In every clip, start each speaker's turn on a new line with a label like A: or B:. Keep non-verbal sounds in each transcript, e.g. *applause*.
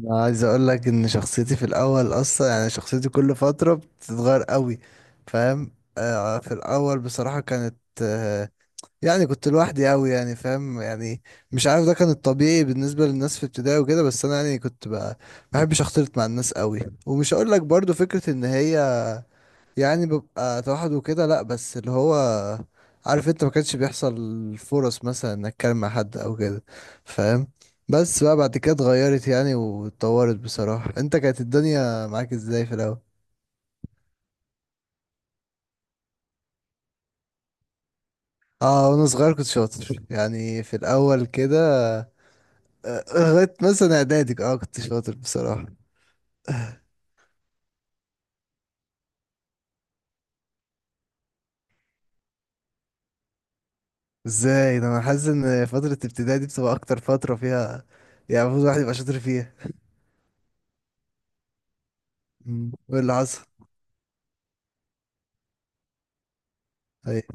A: انا عايز اقول لك ان شخصيتي في الاول اصلا يعني شخصيتي كل فتره بتتغير قوي. فاهم؟ في الاول بصراحه كانت، آه يعني كنت لوحدي قوي. يعني فاهم؟ يعني مش عارف، ده كان الطبيعي بالنسبه للناس في ابتدائي وكده، بس انا يعني كنت بقى ما بحبش اختلط مع الناس قوي. ومش هقول لك برضو فكره ان هي يعني ببقى توحد وكده، لا، بس اللي هو عارف انت، ما كانش بيحصل فرص مثلا انك اتكلم مع حد او كده. فاهم؟ بس بقى بعد كده اتغيرت يعني واتطورت. بصراحة انت، كانت الدنيا معاك ازاي في الاول؟ اه وانا صغير كنت شاطر، يعني في الاول كده. لغاية مثلا اعدادي اه كنت شاطر بصراحة. ازاي ده؟ انا حاسس ان فترة ابتدائي دي بتبقى اكتر فترة فيها يعني المفروض الواحد يبقى شاطر فيها. وايه اللي حصل؟ طيب.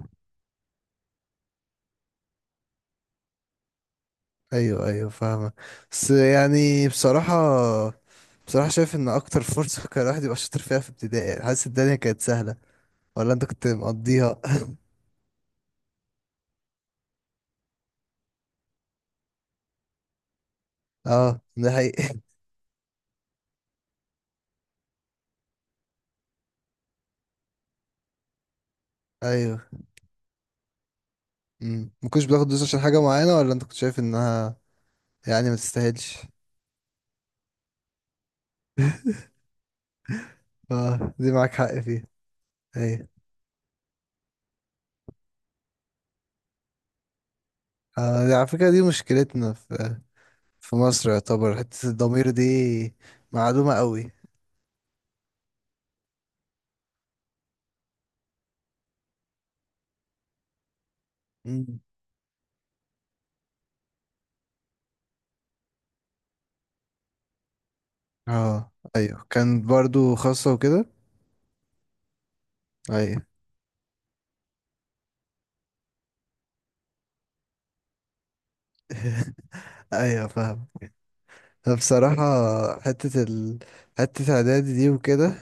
A: ايوه ايوه، فاهمة. بس يعني بصراحة، بصراحة شايف ان اكتر فرصة *laughs* كان الواحد يبقى شاطر فيها في ابتدائي، يعني حاسس الدنيا كانت سهلة، ولا انت كنت مقضيها؟ *laughs* اه ده حقيقي. *laughs* ايوه. امم، ما كنتش بتاخد دروس عشان حاجة معينة، ولا انت كنت شايف انها يعني ما تستاهلش؟ اه دي معاك حق فيها. ايوه. آه دي على فكرة، دي مشكلتنا في في مصر، يعتبر حتة الضمير دي معلومة قوي. امم. اه ايوه كان برضو خاصة وكده. ايوه. *laughs* ايوه فاهم. بصراحة حتة ال... حتة إعدادي دي وكده،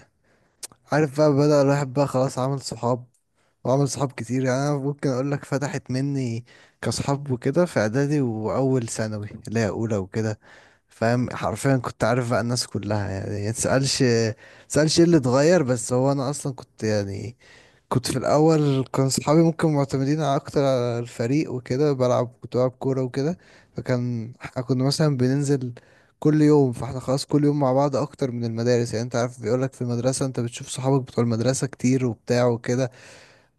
A: عارف بقى، بدأ الواحد بقى خلاص عمل صحاب، وعمل صحاب كتير. يعني أنا ممكن أقول لك فتحت مني كصحاب وكده في إعدادي وأول ثانوي اللي هي أولى وكده. فاهم؟ حرفيا كنت عارف بقى الناس كلها. يعني متسألش، متسألش إيه اللي اتغير، بس هو أنا أصلا كنت يعني كنت في الاول كان صحابي ممكن معتمدين على اكتر على الفريق وكده. بلعب، كنت بلعب كوره وكده، فكان احنا كنا مثلا بننزل كل يوم، فاحنا خلاص كل يوم مع بعض اكتر من المدارس. يعني انت عارف بيقولك في المدرسه انت بتشوف صحابك بتوع المدرسه كتير وبتاع وكده،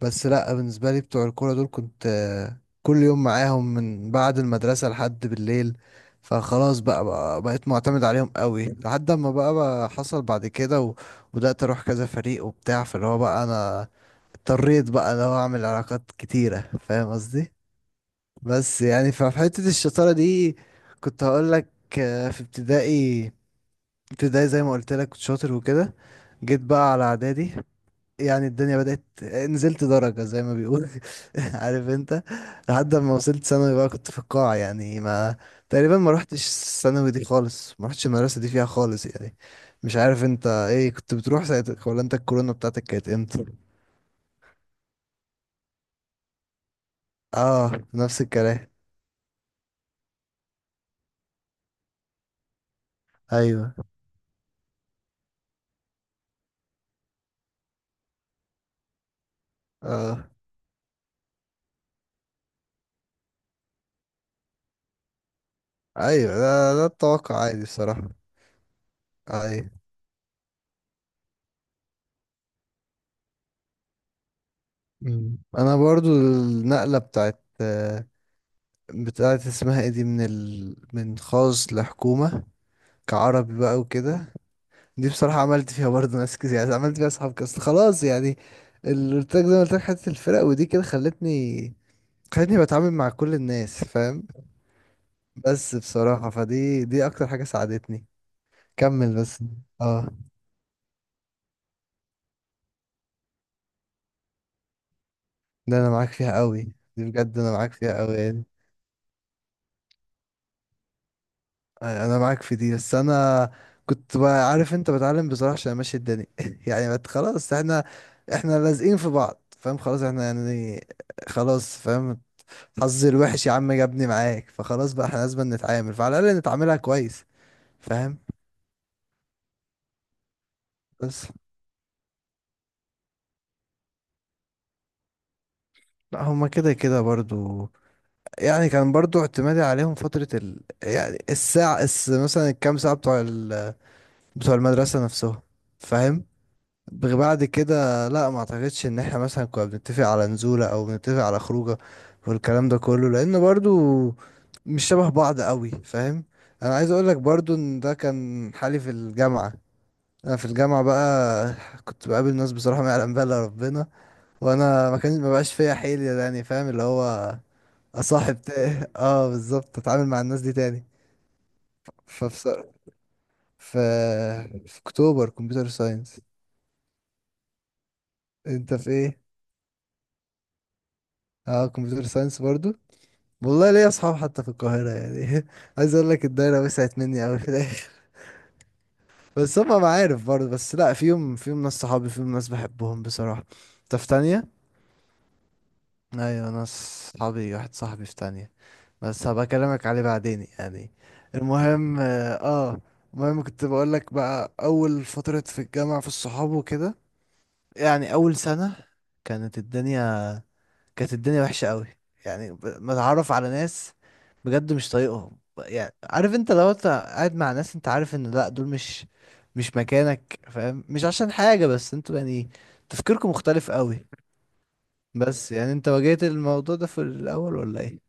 A: بس لا، بالنسبة لي بتوع الكورة دول كنت كل يوم معاهم من بعد المدرسة لحد بالليل. فخلاص بقى, بقى بقيت معتمد عليهم قوي، لحد ما بقى, بقى حصل بعد كده وبدأت أروح كذا فريق وبتاع. فاللي هو بقى أنا اضطريت بقى اللي هو أعمل علاقات كتيرة. فاهم قصدي؟ بس يعني ففي حتة الشطارة دي كنت هقول لك، في ابتدائي، ابتدائي زي ما قلت لك كنت شاطر وكده. جيت بقى على إعدادي، يعني الدنيا بدأت نزلت درجة زي ما بيقول. *laughs* عارف انت؟ لحد ما وصلت ثانوي بقى كنت في القاع، يعني ما، تقريبا ما روحتش الثانوي دي خالص، ما روحتش المدرسة دي فيها خالص يعني. مش عارف انت ايه، كنت بتروح ساعتك، ولا انت الكورونا بتاعتك كانت امتى؟ اه نفس الكلام. ايوه اه ايوه، ده التوقع عادي بصراحة. ايوه. مم. انا برضو النقلة بتاعت، بتاعت اسمها ايه دي من ال... من خاص لحكومة كعربي بقى وكده، دي بصراحة عملت فيها برضه ناس كتير، يعني عملت فيها صحاب كاس خلاص يعني. اللي قلت لك زي ما قلت لك، حتة الفرق ودي كده خلتني بتعامل مع كل الناس. فاهم؟ بس بصراحة دي أكتر حاجة ساعدتني. كمل بس. اه ده أنا معاك فيها قوي. دي بجد أنا معاك فيها قوي يعني. أنا معاك في دي، بس أنا كنت بقى عارف أنت بتعلم بصراحة، عشان ماشي الدنيا. *laughs* يعني خلاص احنا، احنا لازقين في بعض. فاهم؟ خلاص احنا يعني، خلاص فاهم. حظي الوحش يا عم جابني معاك، فخلاص بقى احنا لازم نتعامل، فعلى الاقل نتعاملها كويس. فاهم؟ بس لا، هما كده كده برضو. يعني كان برضو اعتمادي عليهم فترة يعني الساعة مثلا الكام ساعة بتوع بتوع المدرسة نفسهم. فاهم؟ بعد كده لا، ما اعتقدش ان احنا مثلا كنا بنتفق على نزولة او بنتفق على خروجة، والكلام ده كله لان برضو مش شبه بعض قوي. فاهم؟ انا عايز اقولك برضو ان ده كان حالي في الجامعة. انا في الجامعه بقى كنت بقابل ناس بصراحه ما يعلم بها الا ربنا، وانا ما كان، ما بقاش فيا حيل يعني. فاهم اللي هو اصاحب تاني؟ *laughs* اه بالظبط، اتعامل مع الناس دي تاني. فبصراحه، في في اكتوبر كمبيوتر ساينس. انت في ايه؟ اه كمبيوتر ساينس برضو. والله ليا اصحاب حتى في القاهره يعني. *laughs* عايز اقول لك الدايره وسعت مني قوي في الاخر. بس هما معارف برضو، بس لا فيهم، فيهم ناس صحابي، فيهم ناس بحبهم بصراحه. انت في تانية؟ ايوه ناس صحابي، واحد صاحبي في تانية، بس هبقى اكلمك عليه بعدين يعني. المهم اه، آه، المهم كنت بقول لك بقى اول فترة في الجامعة في الصحاب وكده، يعني اول سنة كانت الدنيا، كانت الدنيا وحشة قوي. يعني متعرف على ناس بجد مش طايقهم. يعني عارف انت، لو انت قاعد مع ناس انت عارف ان لا، دول مش، مش مكانك. فاهم؟ مش عشان حاجة، بس انتوا يعني تفكيركم مختلف قوي. بس يعني انت واجهت الموضوع ده في الاول، ولا ايه؟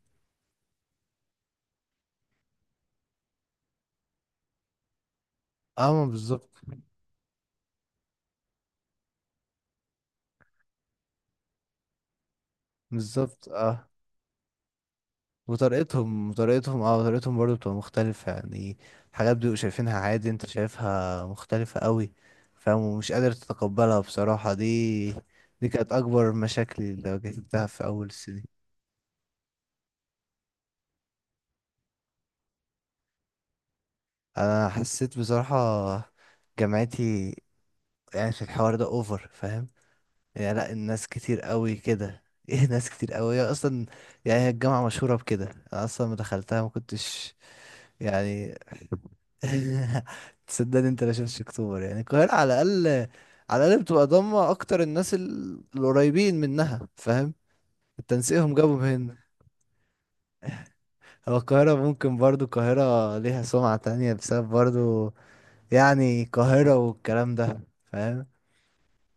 A: اه ما بالظبط. بالظبط اه، وطريقتهم، وطريقتهم اه طريقتهم برضو بتبقى مختلفة. يعني حاجات بيبقوا شايفينها عادي انت شايفها مختلفة قوي. فاهم؟ ومش قادر تتقبلها بصراحة دي. دي كانت أكبر مشاكلي اللي واجهتها في أول السنة. أنا حسيت بصراحة جامعتي يعني في الحوار ده أوفر. فاهم؟ يعني لأ، الناس كتير قوي كده. *laughs* ايه ناس كتير قوي، هي اصلا يعني هي الجامعة مشهورة بكده. انا اصلا ما دخلتها ما كنتش يعني. *laughs* تصدقني انت لا، شفتش اكتوبر يعني، القاهرة على الأقل، على الأقل بتبقى ضامة أكتر الناس القريبين منها. فاهم؟ التنسيقهم جابهم هنا. هو القاهرة ممكن برضو، القاهرة ليها سمعة تانية بسبب برضو يعني القاهرة والكلام ده. فاهم؟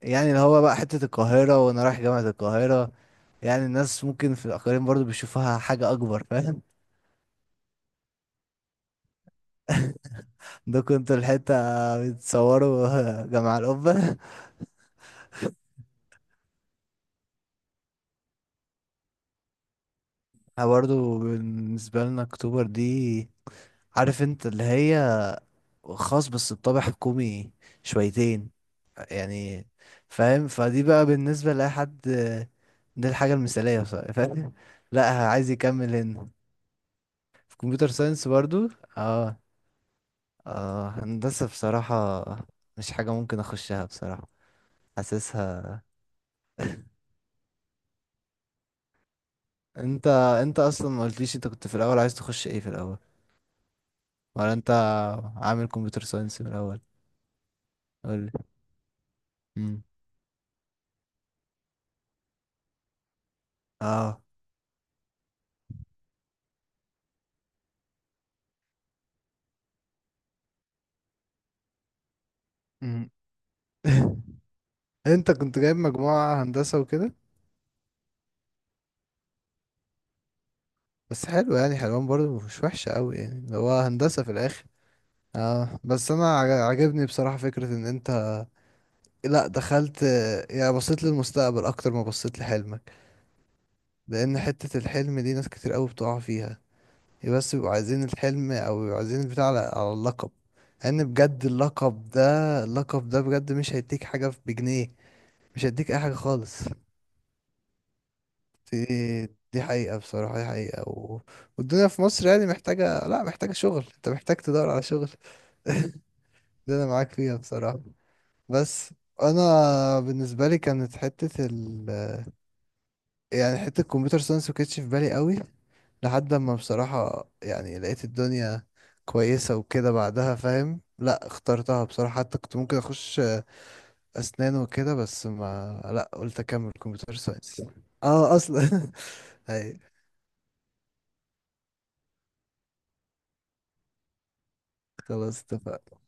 A: يعني اللي هو بقى حتة القاهرة وأنا رايح جامعة القاهرة، يعني الناس ممكن في الأقاليم برضو بيشوفوها حاجة أكبر. فاهم؟ *laughs* ده كنت الحتة، بتصوروا جامعة *laughs* القبة. احنا برضه بالنسبة لنا اكتوبر دي، عارف انت اللي هي خاص بس بطابع حكومي شويتين يعني. فاهم؟ فدي بقى بالنسبة لأي حد دي الحاجة المثالية بصراحة. فاهم لا عايز يكمل هنا. في كمبيوتر ساينس برضو. اه اه، هندسة بصراحة مش حاجة ممكن اخشها بصراحة، حاسسها. *laughs* انت، انت اصلا ما قلتليش انت كنت في الاول عايز تخش ايه في الاول، ولا انت عامل كمبيوتر ساينس من الاول؟ قولي. اه. مم. *laughs* انت كنت جايب مجموعة هندسة وكده؟ بس حلو يعني، حلوان برضو مش وحشة قوي يعني اللي هو هندسة في الاخر. اه بس انا عجبني بصراحة فكرة ان انت لا دخلت، يعني بصيت للمستقبل اكتر ما بصيت لحلمك. لان حتة الحلم دي ناس كتير قوي بتقع فيها، بس بيبقوا عايزين الحلم او بيبقوا عايزين البتاع على على اللقب. لان بجد اللقب ده، اللقب ده بجد مش هيديك حاجة بجنيه، مش هيديك اي حاجة خالص. دي دي حقيقة بصراحة، دي حقيقة والدنيا في مصر يعني محتاجة، لا محتاجة شغل، انت محتاج تدور على شغل. *laughs* ده انا معاك فيها بصراحة. بس انا، بالنسبة لي كانت حتة ال، يعني حتة الكمبيوتر ساينس ما كانتش في بالي قوي، لحد ما بصراحة يعني لقيت الدنيا كويسة وكده بعدها. فاهم؟ لا اخترتها بصراحة، حتى كنت ممكن اخش اسنان وكده، بس ما، لا قلت اكمل كمبيوتر ساينس. اه اصلا. *laughs* هاي. خلاص اتفقنا.